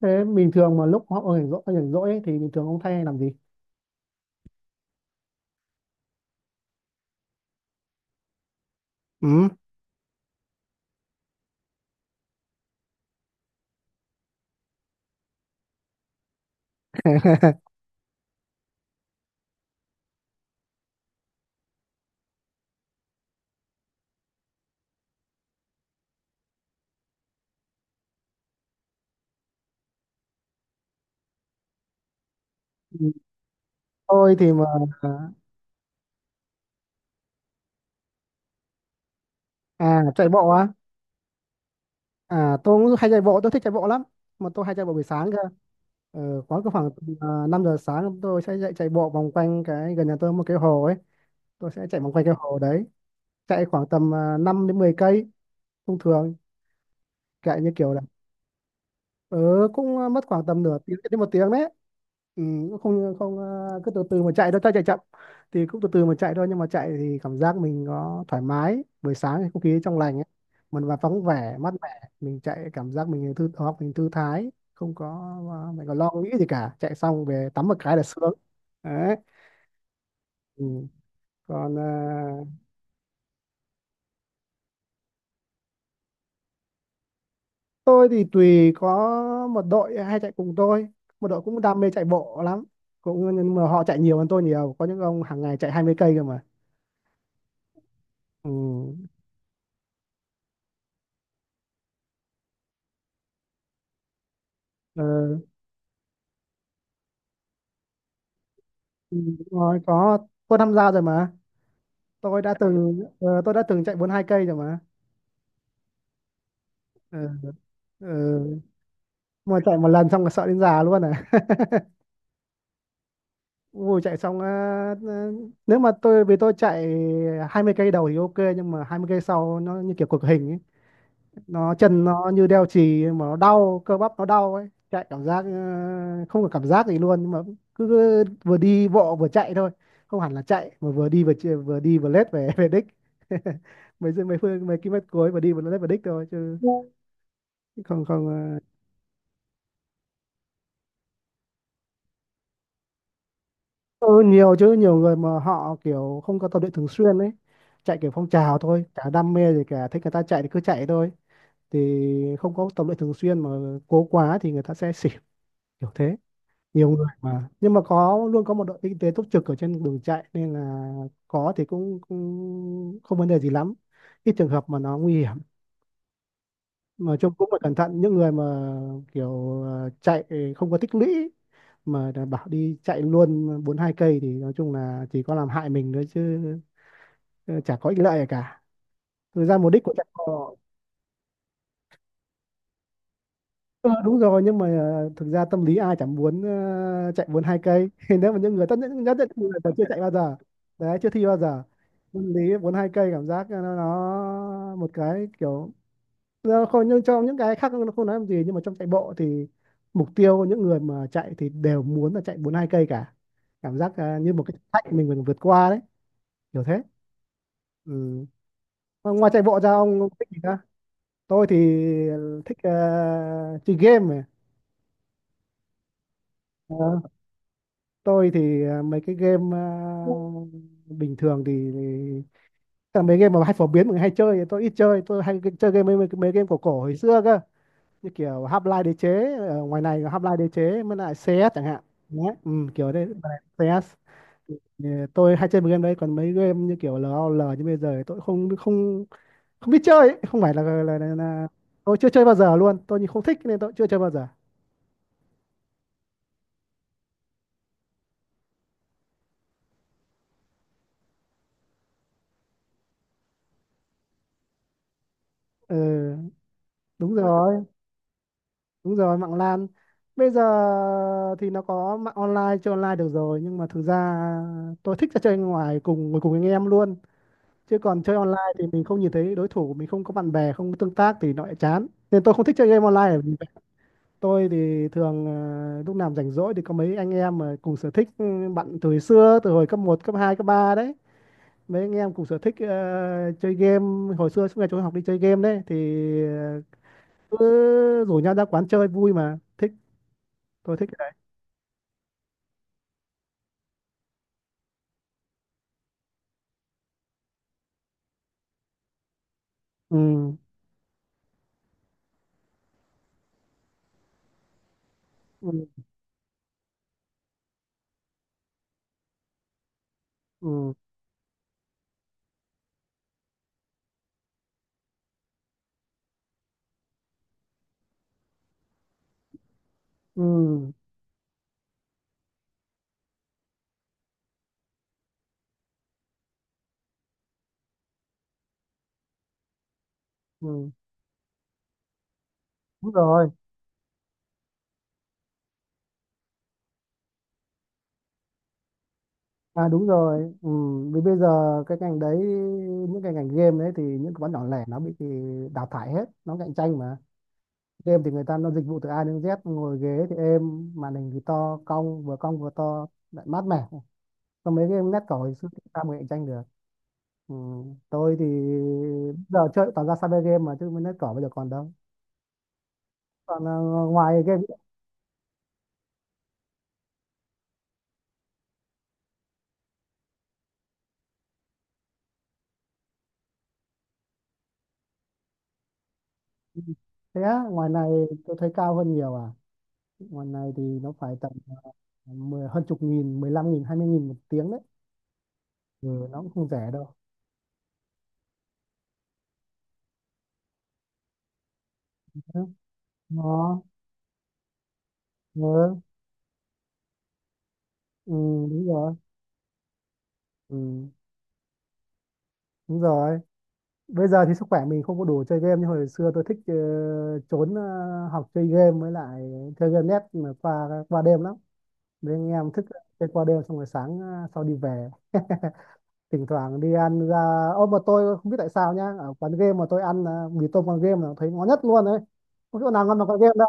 Thế bình thường mà lúc họ rảnh rỗi ấy, thì bình thường ông thay làm gì? Ừ. Tôi thì mà à chạy bộ á. À tôi cũng hay chạy bộ, tôi thích chạy bộ lắm. Mà tôi hay chạy bộ buổi sáng cơ. Ờ, khoảng cứ khoảng 5 giờ sáng tôi sẽ chạy chạy bộ vòng quanh cái gần nhà tôi có một cái hồ ấy. Tôi sẽ chạy vòng quanh cái hồ đấy, chạy khoảng tầm 5 đến 10 cây thông thường, chạy như kiểu ừ, cũng mất khoảng tầm nửa tiếng đến một tiếng đấy. Ừ, cũng không không ờ, cứ từ từ mà chạy đâu cho chạy chậm thì cũng từ từ mà chạy thôi, nhưng mà chạy thì cảm giác mình có thoải mái, buổi sáng thì không khí trong lành ấy. Mình và vắng vẻ, mát mẻ, mình chạy cảm giác mình thư đầu, mình thư thái, không có mình còn lo nghĩ gì cả, chạy xong về tắm một cái là sướng đấy. Ừ. Còn tôi thì tùy, có một đội hay chạy cùng tôi, một đội cũng đam mê chạy bộ lắm, cũng nhưng mà họ chạy nhiều hơn tôi nhiều, có những ông hàng ngày chạy 20 cây cơ mà. Ừ. Ờ, ừ, đúng rồi, có, tôi tham gia rồi mà. Tôi đã từng tôi đã từng chạy 42 cây rồi mà. Ừ. Ừ. Mà chạy một lần xong là sợ đến già luôn à. Ui, chạy xong ờ, nếu mà tôi, vì tôi chạy 20 cây đầu thì ok, nhưng mà 20 cây sau nó như kiểu cực hình, nó chân nó như đeo chì mà nó đau, cơ bắp nó đau ấy, chạy cảm giác không có cảm giác gì luôn, nhưng mà cứ vừa đi bộ vừa chạy thôi, không hẳn là chạy mà vừa đi vừa vừa đi vừa lết về về đích. Mấy phương mấy km cuối vừa đi vừa lết về đích thôi, chứ không. Ừ, nhiều chứ, nhiều người mà họ kiểu không có tập luyện thường xuyên ấy, chạy kiểu phong trào thôi, chả đam mê gì cả, thích người ta chạy thì cứ chạy thôi, thì không có tập luyện thường xuyên mà cố quá thì người ta sẽ xỉu, kiểu thế. Nhiều người mà, nhưng mà có luôn, có một đội kinh tế túc trực ở trên đường chạy nên là có thì cũng không vấn đề gì lắm, ít trường hợp mà nó nguy hiểm, mà chung cũng phải cẩn thận những người mà kiểu chạy không có tích lũy mà đã bảo đi chạy luôn 42 cây thì nói chung là chỉ có làm hại mình thôi chứ ờ, chả có ích lợi gì cả. Thực ra mục đích của chạy bộ. Ờ, đúng rồi, nhưng mà thực ra tâm lý ai chẳng muốn chạy 42 cây, nếu mà những người tất nhiên nhất định người còn chưa chạy bao giờ đấy, chưa thi bao giờ, tâm lý 42 cây cảm giác nó một cái kiểu, nó không, nhưng trong những cái khác nó không nói làm gì, nhưng mà trong chạy bộ thì mục tiêu của những người mà chạy thì đều muốn là chạy 42 cây cả, cảm giác như một cái thử thách mình vượt qua đấy, kiểu thế. Ừ. Mà ngoài chạy bộ ra ông thích gì nữa? Tôi thì ờ, thích ờ, chơi game này. Ờ, tôi thì mấy cái game, bình thường thì tức là mấy game mà hay phổ biến mọi người hay chơi thì tôi ít chơi, tôi hay chơi game mấy game cổ cổ hồi xưa cơ, như kiểu Half-Life, đế chế, ở ngoài này có Half-Life, đế chế, mới lại CS chẳng hạn. Đấy, ừ, kiểu đấy. CS. Thì tôi hay chơi mấy game đấy, còn mấy game như kiểu LOL như bây giờ thì tôi không không không biết chơi ấy. Không phải là tôi chưa chơi bao giờ luôn, tôi không thích nên tôi chưa chơi bao giờ. Ừ, đúng rồi. Đúng rồi, mạng LAN. Bây giờ thì nó có mạng online, chơi online được rồi, nhưng mà thực ra tôi thích là chơi ngoài, cùng ngồi cùng anh em luôn. Chứ còn chơi online thì mình không nhìn thấy đối thủ, mình không có bạn bè, không có tương tác thì nó lại chán. Nên tôi không thích chơi game online là vì vậy. Tôi thì thường lúc nào rảnh rỗi thì có mấy anh em mà cùng sở thích, ừ, bạn từ hồi xưa, từ hồi cấp một, cấp hai, cấp 3 đấy. Mấy anh em cùng sở thích chơi game, hồi xưa suốt ngày trốn học đi chơi game đấy thì ờ, cứ rủ nhau ra quán chơi vui mà thích, tôi thích. Ừ ừ ừ. Ừ ừ. Đúng rồi. À đúng rồi. Ừ. Vì bây giờ cái ngành đấy, những cái ngành game đấy thì những cái quán nhỏ lẻ nó bị thì đào thải hết, nó cạnh tranh mà, game thì người ta nó dịch vụ từ A đến Z, ngồi ghế thì êm, màn hình thì to cong, vừa cong vừa to, lại mát mẻ, còn mấy game nét cỏ hồi xưa thì sao mà cạnh tranh được. Ừ. Tôi thì giờ chơi toàn ra cyber game mà, chứ nét cỏ bây giờ còn đâu. Còn ngoài game. Thế á, ngoài này tôi thấy cao hơn nhiều à. Ngoài này thì nó phải tầm 10, hơn chục nghìn, 10 lăm nghìn, 20 nghìn một tiếng đấy. Ừ, nó cũng không rẻ đâu. Ừ, Nó, ừ, ừ, đúng rồi. Ừ, đúng rồi. Bây giờ thì sức khỏe mình không có đủ chơi game như hồi xưa. Tôi thích trốn học chơi game, với lại chơi game net mà qua qua đêm lắm. Nên anh em thức chơi qua đêm xong rồi sáng sau đi về. Thỉnh thoảng đi ăn ra, ô mà tôi không biết tại sao nhá, ở quán game mà tôi ăn mì tôm quán game là thấy ngon nhất luôn đấy. Không chỗ nào ngon bằng quán game đâu.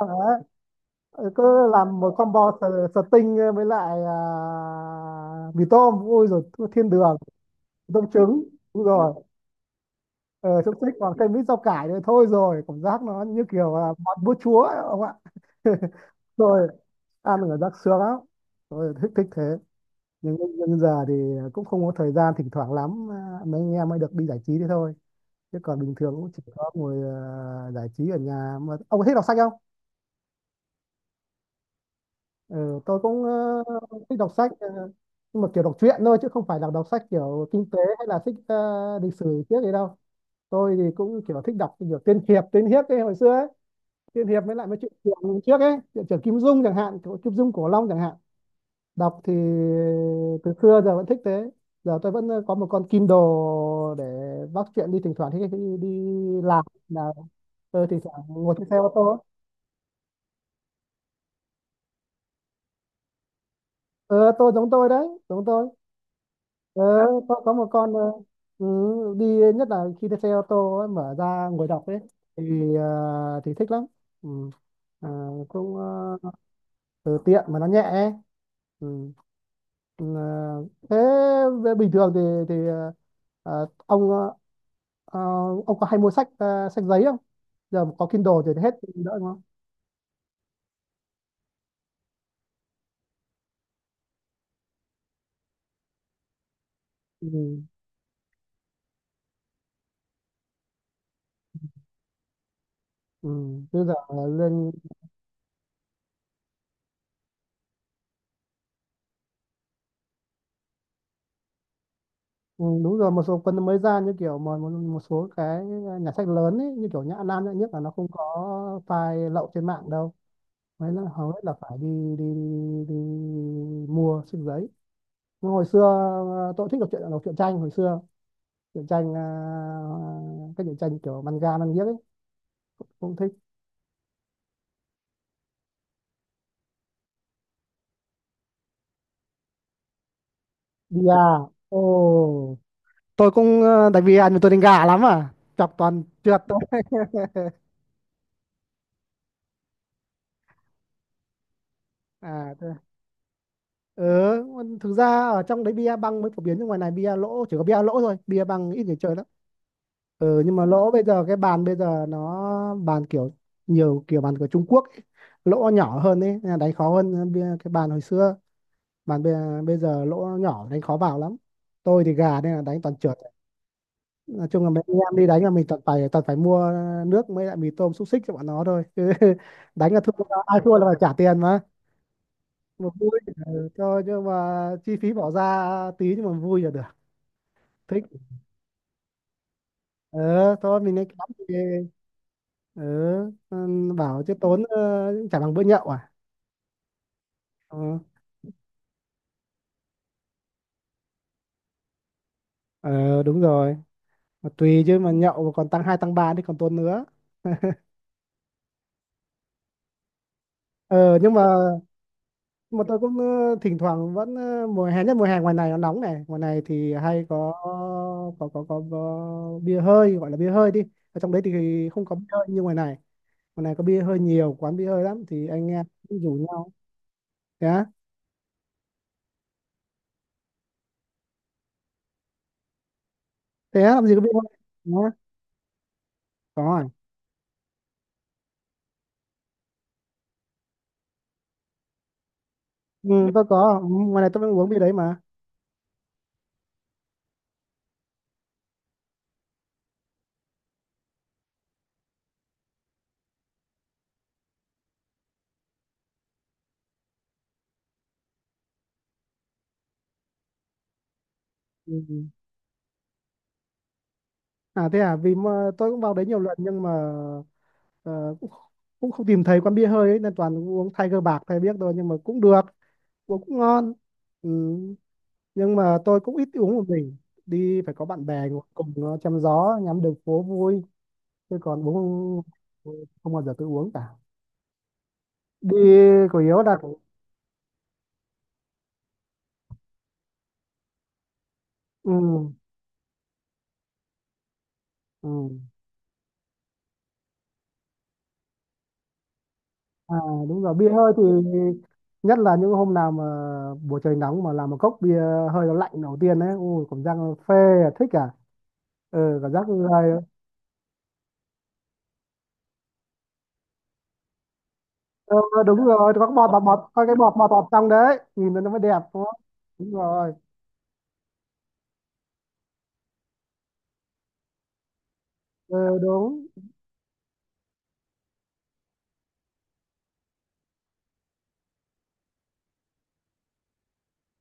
Ờ, cứ làm một combo sờ- sờ tinh với lại mì tôm, ôi rồi, thiên đường, mì tôm trứng. Đúng rồi, ờ, xúc xích còn thêm ít rau cải nữa thôi rồi, cảm giác nó như kiểu là món bữa chúa ấy, ông ạ. Rồi, ăn ở giác sướng lắm, tôi thích thích thế. Nhưng giờ thì cũng không có thời gian, thỉnh thoảng lắm mấy anh em mới được đi giải trí thế thôi, chứ còn bình thường cũng chỉ có ngồi giải trí ở nhà. Mà ông có thích đọc sách không? Ừ, tôi cũng thích đọc sách, nhưng mà kiểu đọc truyện thôi, chứ không phải là đọc sách kiểu kinh tế hay là thích lịch sử trước gì đâu. Tôi thì cũng kiểu thích đọc kiểu tiên hiệp, ấy hồi xưa ấy, tiên hiệp mới lại mấy chuyện trường trước ấy, chuyện trường Kim Dung chẳng hạn, của Kim Dung, Cổ Long chẳng hạn, đọc thì từ xưa giờ vẫn thích thế. Giờ tôi vẫn có một con Kindle để bắt chuyện đi, thỉnh thoảng đi làm là tôi thỉnh thoảng ngồi trên xe ô tô. Ờ tôi giống tôi đấy, giống tôi. Ờ, có một con ừ, đi, nhất là khi đi xe ô tô ấy, mở ra ngồi đọc ấy thì thì thích lắm. Ừ. À, cũng ờ, từ tiện mà nó nhẹ ấy. Ừ. Ừ, ờ, thế về bình thường thì ờ, ông ờ, ờ, ông có hay mua sách, sách giấy không? Giờ mà có Kindle rồi thì hết đỡ đúng không. Ừ. Ừ. Bây giờ lên. Ừ, đúng rồi, một số cuốn mới ra, như kiểu mà một số cái nhà sách lớn ấy, như kiểu Nhã Nam, Nhã Nhất là nó không có file lậu trên mạng đâu, đấy là hầu hết là phải đi đi đi mua sách giấy. Nhưng hồi xưa tôi thích đọc truyện, đọc truyện tranh hồi xưa, truyện tranh các truyện tranh kiểu manga manga ấy, cũng thích. Bia. Ồ, tôi cũng đánh bia nhưng tôi đánh gà lắm à, chọc toàn trượt thôi. À. Ừ, thực ra ở trong đấy bia băng mới phổ biến, nhưng ngoài này bia lỗ, chỉ có bia lỗ thôi, bia băng ít người chơi lắm. Ừ, nhưng mà lỗ bây giờ cái bàn bây giờ nó bàn kiểu nhiều kiểu bàn của Trung Quốc ấy. Lỗ nhỏ hơn ấy nên là đánh khó hơn bia cái bàn hồi xưa. bàn bây, Bây giờ lỗ nhỏ đánh khó vào lắm. Tôi thì gà nên là đánh toàn trượt. Nói chung là mấy anh em đi đánh là mình toàn phải mua nước mới lại mì tôm xúc xích cho bọn nó thôi. Chứ đánh là thua, ai thua là phải trả tiền mà vui. Ừ, thôi nhưng mà chi phí bỏ ra tí nhưng mà vui là được. Thích. Ờ Thôi mình lấy cái đóng thì. ờ ừ, bảo chứ tốn, chả bằng bữa nhậu à. ờ Ờ, đúng rồi. Mà tùy chứ mà nhậu mà còn tăng hai tăng ba thì còn tốn nữa. ờ nhưng mà nhưng mà tôi cũng, thỉnh thoảng vẫn, mùa hè, nhất mùa hè ngoài này nó nóng này, ngoài này thì hay có bia hơi, gọi là bia hơi đi. Ở trong đấy thì không có bia hơi như ngoài này. Còn này có bia hơi nhiều, quán bia hơi lắm thì anh em cũng rủ nhau. Thế á? Thế á, làm gì có bia hơi? Nhá. Có à? Ừ, tôi có. Ừ, ngoài này tôi vẫn uống bia đấy mà. Ừ. À thế à, vì mà tôi cũng vào đấy nhiều lần nhưng mà, ờ, cũng, cũng không tìm thấy quán bia hơi ấy, nên toàn uống Tiger bạc thay biết thôi nhưng mà cũng được, uống cũng ngon. Ừ. Nhưng mà tôi cũng ít uống một mình, đi phải có bạn bè ngồi cùng nó chém gió, ngắm đường phố vui. Chứ còn uống không bao giờ tôi uống cả. Đi chủ yếu là. Ừ. Ừ. À, đúng rồi bia hơi thì nhất là những hôm nào mà buổi trời nóng mà làm một cốc bia hơi nó lạnh đầu tiên đấy, ui cảm giác nó phê. À, thích à. Ừ, cảm giác người. Ừ, đúng rồi, có cái bọt bọt bọt có cái bọt bọt bọt trong đấy, nhìn nó mới đẹp đúng không. Đúng rồi. Ừ, đúng.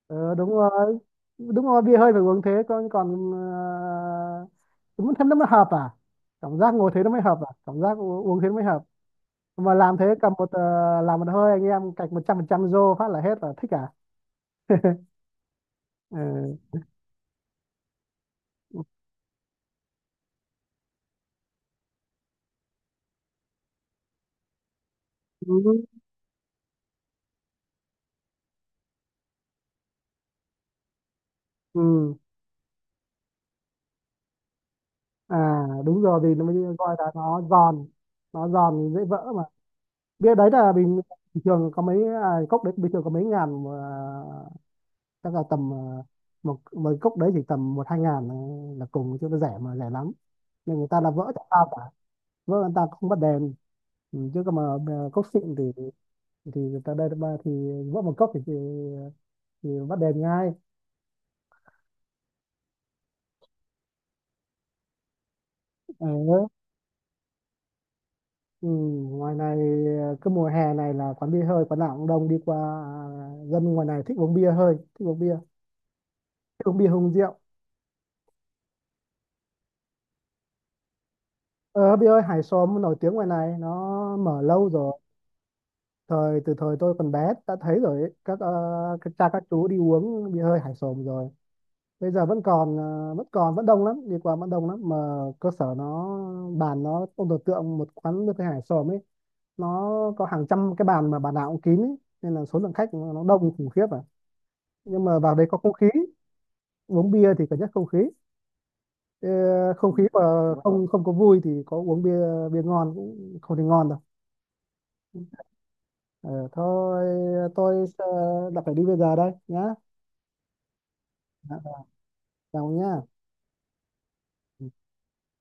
Ừ, đúng rồi, đúng rồi bia hơi phải uống thế, còn còn ờ, đúng thêm nó mới hợp à, cảm giác ngồi thế nó mới hợp à, cảm giác uống thế nó mới hợp. Mà làm thế cầm một, làm một hơi, anh em cạch 100% rô phát là hết là thích à. Ừ. Ừ. Ừ. À đúng rồi, vì nó mới gọi là nó giòn, nó giòn dễ vỡ mà. Bia đấy là bình thường có mấy, cốc đấy bình thường có mấy ngàn mà, chắc là tầm, một một cốc đấy chỉ tầm một hai ngàn là cùng, chứ nó rẻ mà rẻ lắm nên người ta là vỡ chẳng sao cả. Vỡ người ta không bật đèn. Ừ. Chứ còn mà, cốc xịn thì người ta đây thì vỡ một cốc thì bắt đèn ngay. Ừ, ừ, ngoài này, cứ mùa hè này là quán bia hơi quán nào cũng đông đi qua, à, dân ngoài này thích uống bia hơi, thích uống bia, thích uống bia hùng rượu. Ờ Bia hơi hải xóm nổi tiếng ngoài này, nó mở lâu rồi. Từ thời tôi còn bé đã thấy rồi ấy. Các cha các chú đi uống bia hơi hải xóm rồi. Bây giờ vẫn còn, vẫn còn vẫn đông lắm, đi qua vẫn đông lắm mà. Cơ sở nó bàn nó, ông tưởng tượng một quán bia hơi hải xóm ấy, nó có hàng trăm cái bàn mà bàn nào cũng kín ấy. Nên là số lượng khách nó đông khủng khiếp à, nhưng mà vào đấy có không khí, uống bia thì cần nhất không khí. Ờ, không khí mà, không không có vui thì có uống bia bia ngon cũng không thì ngon đâu. Ờ, thôi tôi, đã phải đi bây giờ đây nhá. Dạ, chào nhá. Ừ.